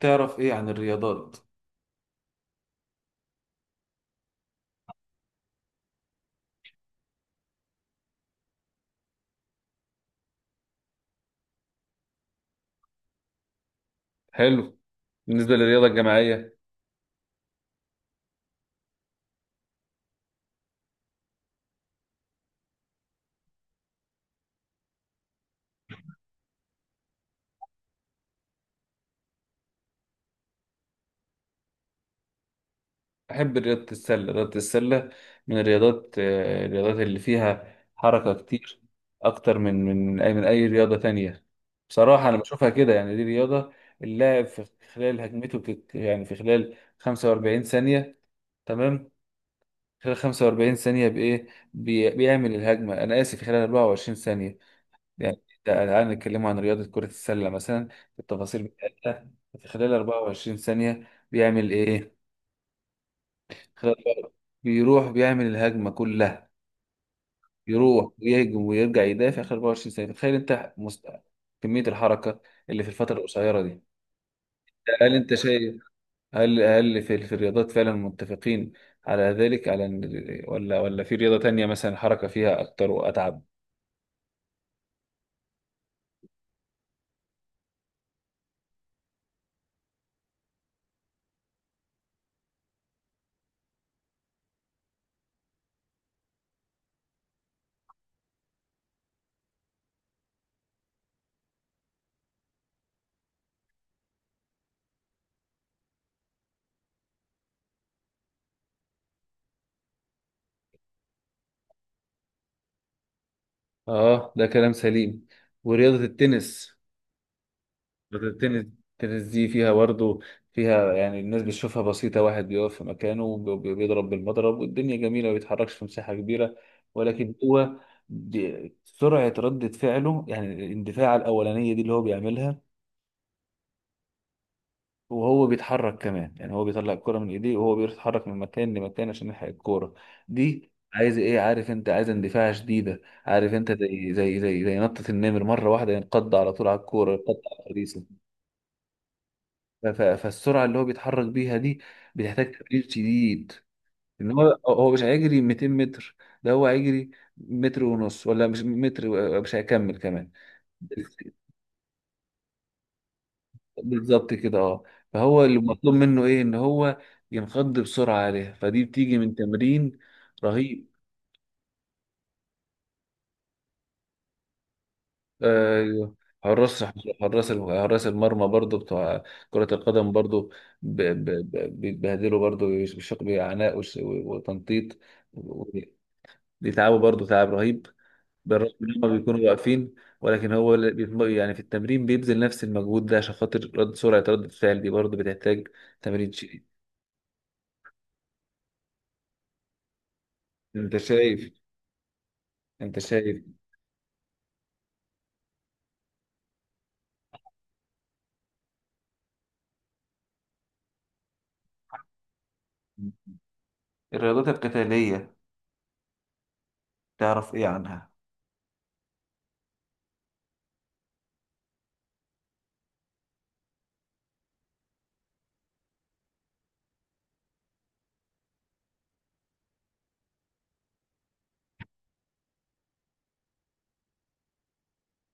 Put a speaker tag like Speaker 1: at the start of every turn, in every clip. Speaker 1: تعرف ايه عن الرياضات؟ حلو. بالنسبة للرياضة الجماعية، أحب رياضة السلة. من الرياضات، الرياضات اللي فيها حركة كتير أكتر من أي رياضة تانية. بصراحة أنا بشوفها كده، يعني دي رياضة اللاعب في خلال يعني في خلال 45 ثانية. تمام. خلال 45 ثانية بإيه؟ بيعمل الهجمة، أنا آسف، في خلال 24 ثانية. يعني ده الآن نتكلم عن رياضة كرة السلة مثلا، التفاصيل بتاعتها. في خلال 24 ثانية بيعمل إيه؟ خلال، بيروح بيعمل الهجمة كلها، يروح ويهجم ويرجع يدافع خلال 24 ثانية. كمية الحركة اللي في الفترة القصيرة دي. هل أنت شايف؟ هل في الرياضات فعلا متفقين على ذلك، على ولا في رياضة تانية مثلا الحركة فيها أكتر وأتعب؟ آه، ده كلام سليم. ورياضة التنس، التنس التنس دي فيها برضه، فيها يعني الناس بتشوفها بسيطة، واحد بيقف في مكانه بيضرب بالمضرب والدنيا جميلة، ما بيتحركش في مساحة كبيرة. ولكن هو سرعة ردة فعله، يعني الاندفاع الأولانية دي اللي هو بيعملها وهو بيتحرك كمان. يعني هو بيطلع الكرة من ايديه وهو بيتحرك من مكان لمكان عشان يلحق الكورة دي. عايز ايه؟ عارف، انت عايز اندفاع شديدة. عارف، انت زي نطة النمر، مرة واحدة ينقض على طول على الكورة، ينقض على الحديث. ف- ف- فالسرعه اللي هو بيتحرك بيها دي بتحتاج تمرين شديد. ان هو مش هيجري 200 متر، ده هو هيجري متر ونص. ولا مش متر مش هيكمل كمان. بالظبط كده، اه. فهو اللي مطلوب منه ايه؟ ان هو ينقض بسرعه عليها. فدي بتيجي من تمرين رهيب. آه، حراس، حراس حراس المرمى برضو بتوع كرة القدم برضو، بيتبهدلوا برضو بشق بعناء وتنطيط. دي تعبه برضه، تعب رهيب، بالرغم ان هم بيكونوا واقفين. ولكن هو اللي يعني في التمرين بيبذل نفس المجهود ده. عشان خاطر سرعة رد الفعل دي برضه بتحتاج تمرين شديد. انت شايف؟ انت شايف الرياضات القتالية، تعرف ايه عنها؟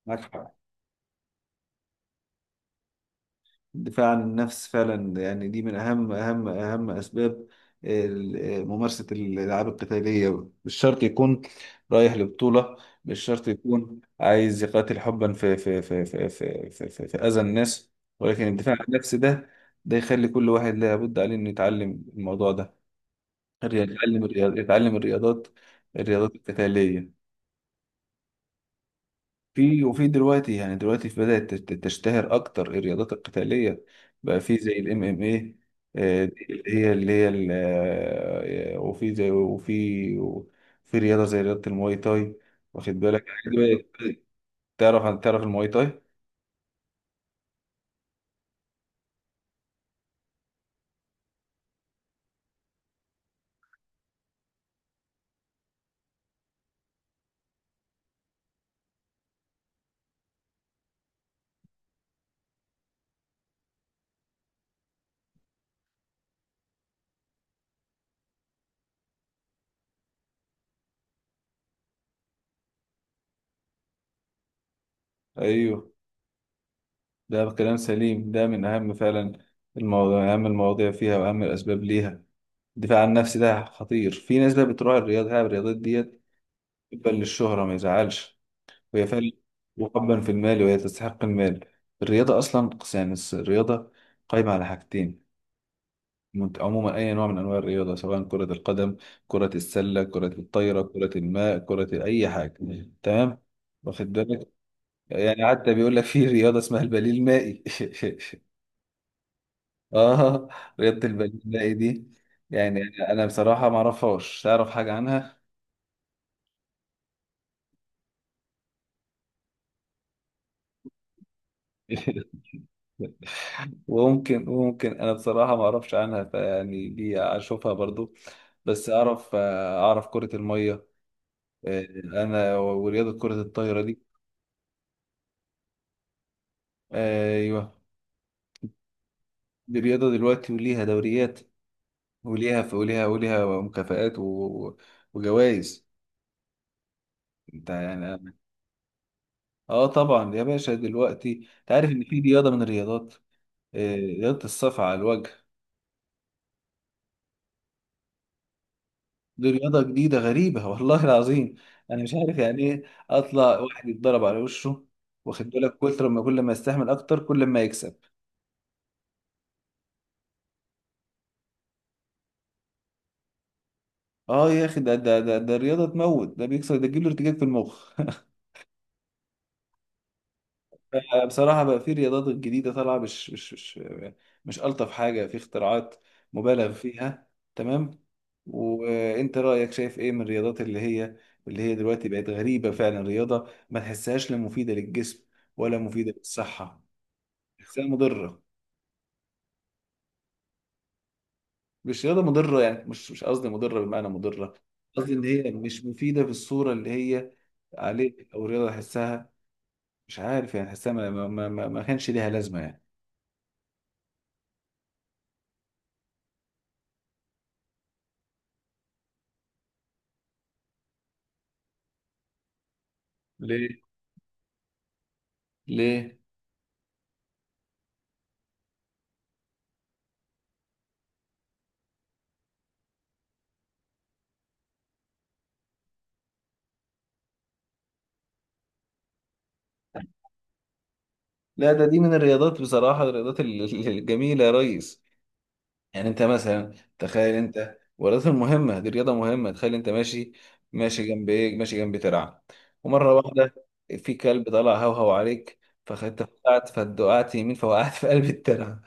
Speaker 1: معك حق، الدفاع عن النفس فعلا، يعني دي من أهم أسباب ممارسة الألعاب القتالية. مش شرط يكون رايح لبطولة، مش شرط يكون عايز يقاتل حبا في أذى الناس. ولكن الدفاع عن النفس ده، ده يخلي كل واحد لابد عليه إنه يتعلم الموضوع ده، يتعلم الرياضات، الرياضات القتالية. في وفي دلوقتي، يعني دلوقتي في بدأت تشتهر أكتر الرياضات القتالية، بقى في زي ال MMA. دي اللي هي اللي هي ال- آه، وفي زي، وفي رياضة زي رياضة المواي تاي. واخد بالك؟ الحاجات دي تعرف عن، تعرف المواي تاي؟ أيوه، ده كلام سليم. ده من أهم فعلا المواضيع، أهم المواضيع فيها وأهم الأسباب ليها، الدفاع عن النفس. ده خطير. في ناس بقى بتروح الرياضات ديت بتبقى للشهرة، ما يزعلش، وهي فعلا، وحبا في المال، وهي تستحق المال. الرياضة أصلا يعني، الرياضة قائمة على حاجتين. عموما أي نوع من أنواع الرياضة، سواء كرة القدم، كرة السلة، كرة الطايرة، كرة الماء، كرة أي حاجة، تمام؟ واخد بالك، يعني حتى بيقول لك في رياضة اسمها البليل المائي. آه، رياضة البليل المائي دي، يعني أنا بصراحة ما أعرفهاش. تعرف حاجة عنها؟ وممكن انا بصراحه ما اعرفش عنها. فيعني دي اشوفها برضو، بس اعرف، كره الميه. آه، انا ورياضه كره الطايره دي. آه، ايوه، دي رياضه دلوقتي وليها دوريات، وليها وليها مكافآت وجوائز. انت يعني، اه طبعا يا باشا. دلوقتي انت عارف ان في رياضه من الرياضات، رياضه الصف على الوجه؟ دي رياضة جديدة غريبة، والله العظيم أنا مش عارف يعني إيه؟ أطلع واحد يتضرب على وشه؟ واخد بالك؟ كتر ما كل ما يستحمل أكتر كل ما يكسب. أه يا أخي، ده الرياضة تموت، ده بيكسر، ده تجيب له ارتجاج في المخ. بصراحة بقى، في رياضات جديدة طالعة مش ألطف حاجة، في اختراعات مبالغ فيها. تمام. وأنت رأيك، شايف إيه من الرياضات اللي هي دلوقتي بقت غريبة فعلا، رياضة ما تحسهاش لا مفيدة للجسم ولا مفيدة للصحة؟ تحسها مضرة؟ مش رياضة مضرة يعني، مش قصدي مضرة بمعنى مضرة، قصدي إن هي مش مفيدة في الصورة اللي هي عليه. أو رياضة أحسها مش عارف، يعني أحسها ما كانش ليها لازمة يعني. ليه؟ ليه؟ لا، ده دي من الرياضات بصراحة، الرياضات الجميلة يا ريس. يعني انت مثلا، تخيل انت، والرياضة مهمة، دي رياضة مهمة. تخيل انت ماشي، ماشي جنب ايه، ماشي جنب ترعة، ومرة واحدة في كلب طلع هوهو عليك، فانت وقعت، فدقعت يمين، فوقعت في قلب الترعة.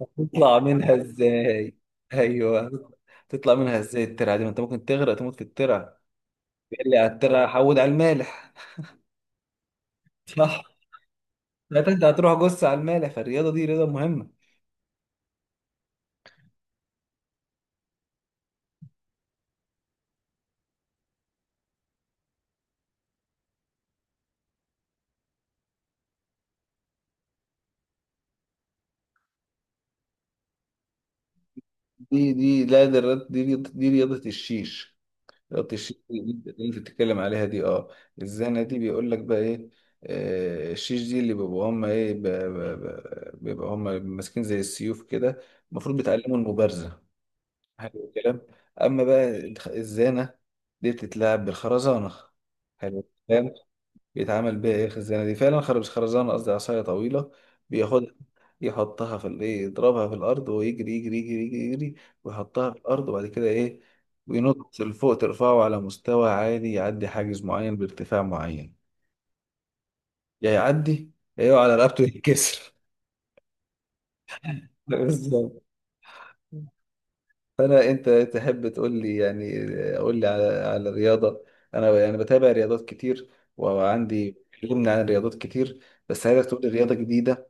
Speaker 1: هتطلع منها ازاي؟ ايوه. تطلع منها ازاي الترعة دي؟ ما انت ممكن تغرق، تموت في الترعة. تقول لي على الترعة حود على المالح؟ صح. لا، انت هتروح جص على المالح. فالرياضة دي رياضة مهمة. دي لا، دي رياضة الشيش. ربط الشيش اللي انت بتتكلم عليها دي، اه. الزنة دي بيقول لك بقى ايه، الشيش دي اللي بيبقوا هم ايه، بيبقوا هم ماسكين زي السيوف كده، المفروض بيتعلموا المبارزة. حلو الكلام. اما بقى الزانة دي بتتلعب بالخرزانة. حلو الكلام. بيتعمل بيها ايه الخزانه دي؟ فعلا خرب، مش خرزانه قصدي، عصايه طويله بياخدها، يحطها في ايه، يضربها في الارض ويجري، يجري يجري يجري, يجري ويحطها في الارض، وبعد كده ايه، وينط لفوق، ترفعه على مستوى عالي، يعدي حاجز معين بارتفاع معين، يا يعدي يا يقع على رقبته يتكسر. بالظبط. فانا، انت تحب تقول لي يعني، قول لي على الرياضه. انا يعني بتابع رياضات كتير، وعندي علم عن الرياضات كتير، بس عايزك تقول لي رياضه جديده.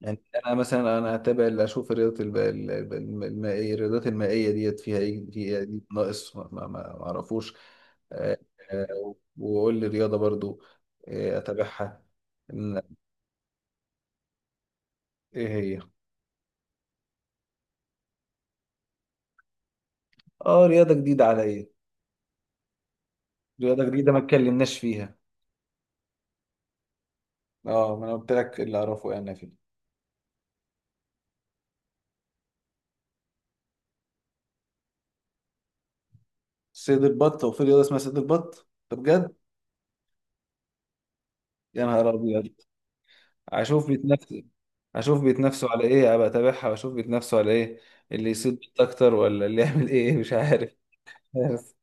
Speaker 1: يعني انا مثلا، هتابع اللي اشوف، الرياضات المائيه. الرياضات المائيه ديت فيها ايه، فيها إيه ناقص ما ما اعرفوش؟ آه، آه، واقول لي رياضه برضو آه، اتابعها. إن- ايه هي؟ اه، رياضه جديده على ايه، رياضه جديده ما اتكلمناش فيها. اه، ما انا قلت لك اللي اعرفه يعني فيه. صيد البط؟ وفي رياضه اسمها صيد البط؟ طب بجد؟ يا نهار ابيض. اشوف بيتنافسوا، اشوف بيتنافسوا على ايه، ابقى اتابعها واشوف بيتنافسوا على ايه، اللي يصيد بيت اكتر ولا اللي يعمل ايه، مش عارف. بس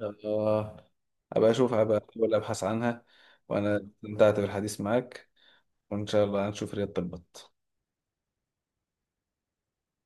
Speaker 1: اه، ابقى اشوف، ابقى احاول ابحث عنها. وانا استمتعت بالحديث معاك، وان شاء الله هنشوف رياضة البط.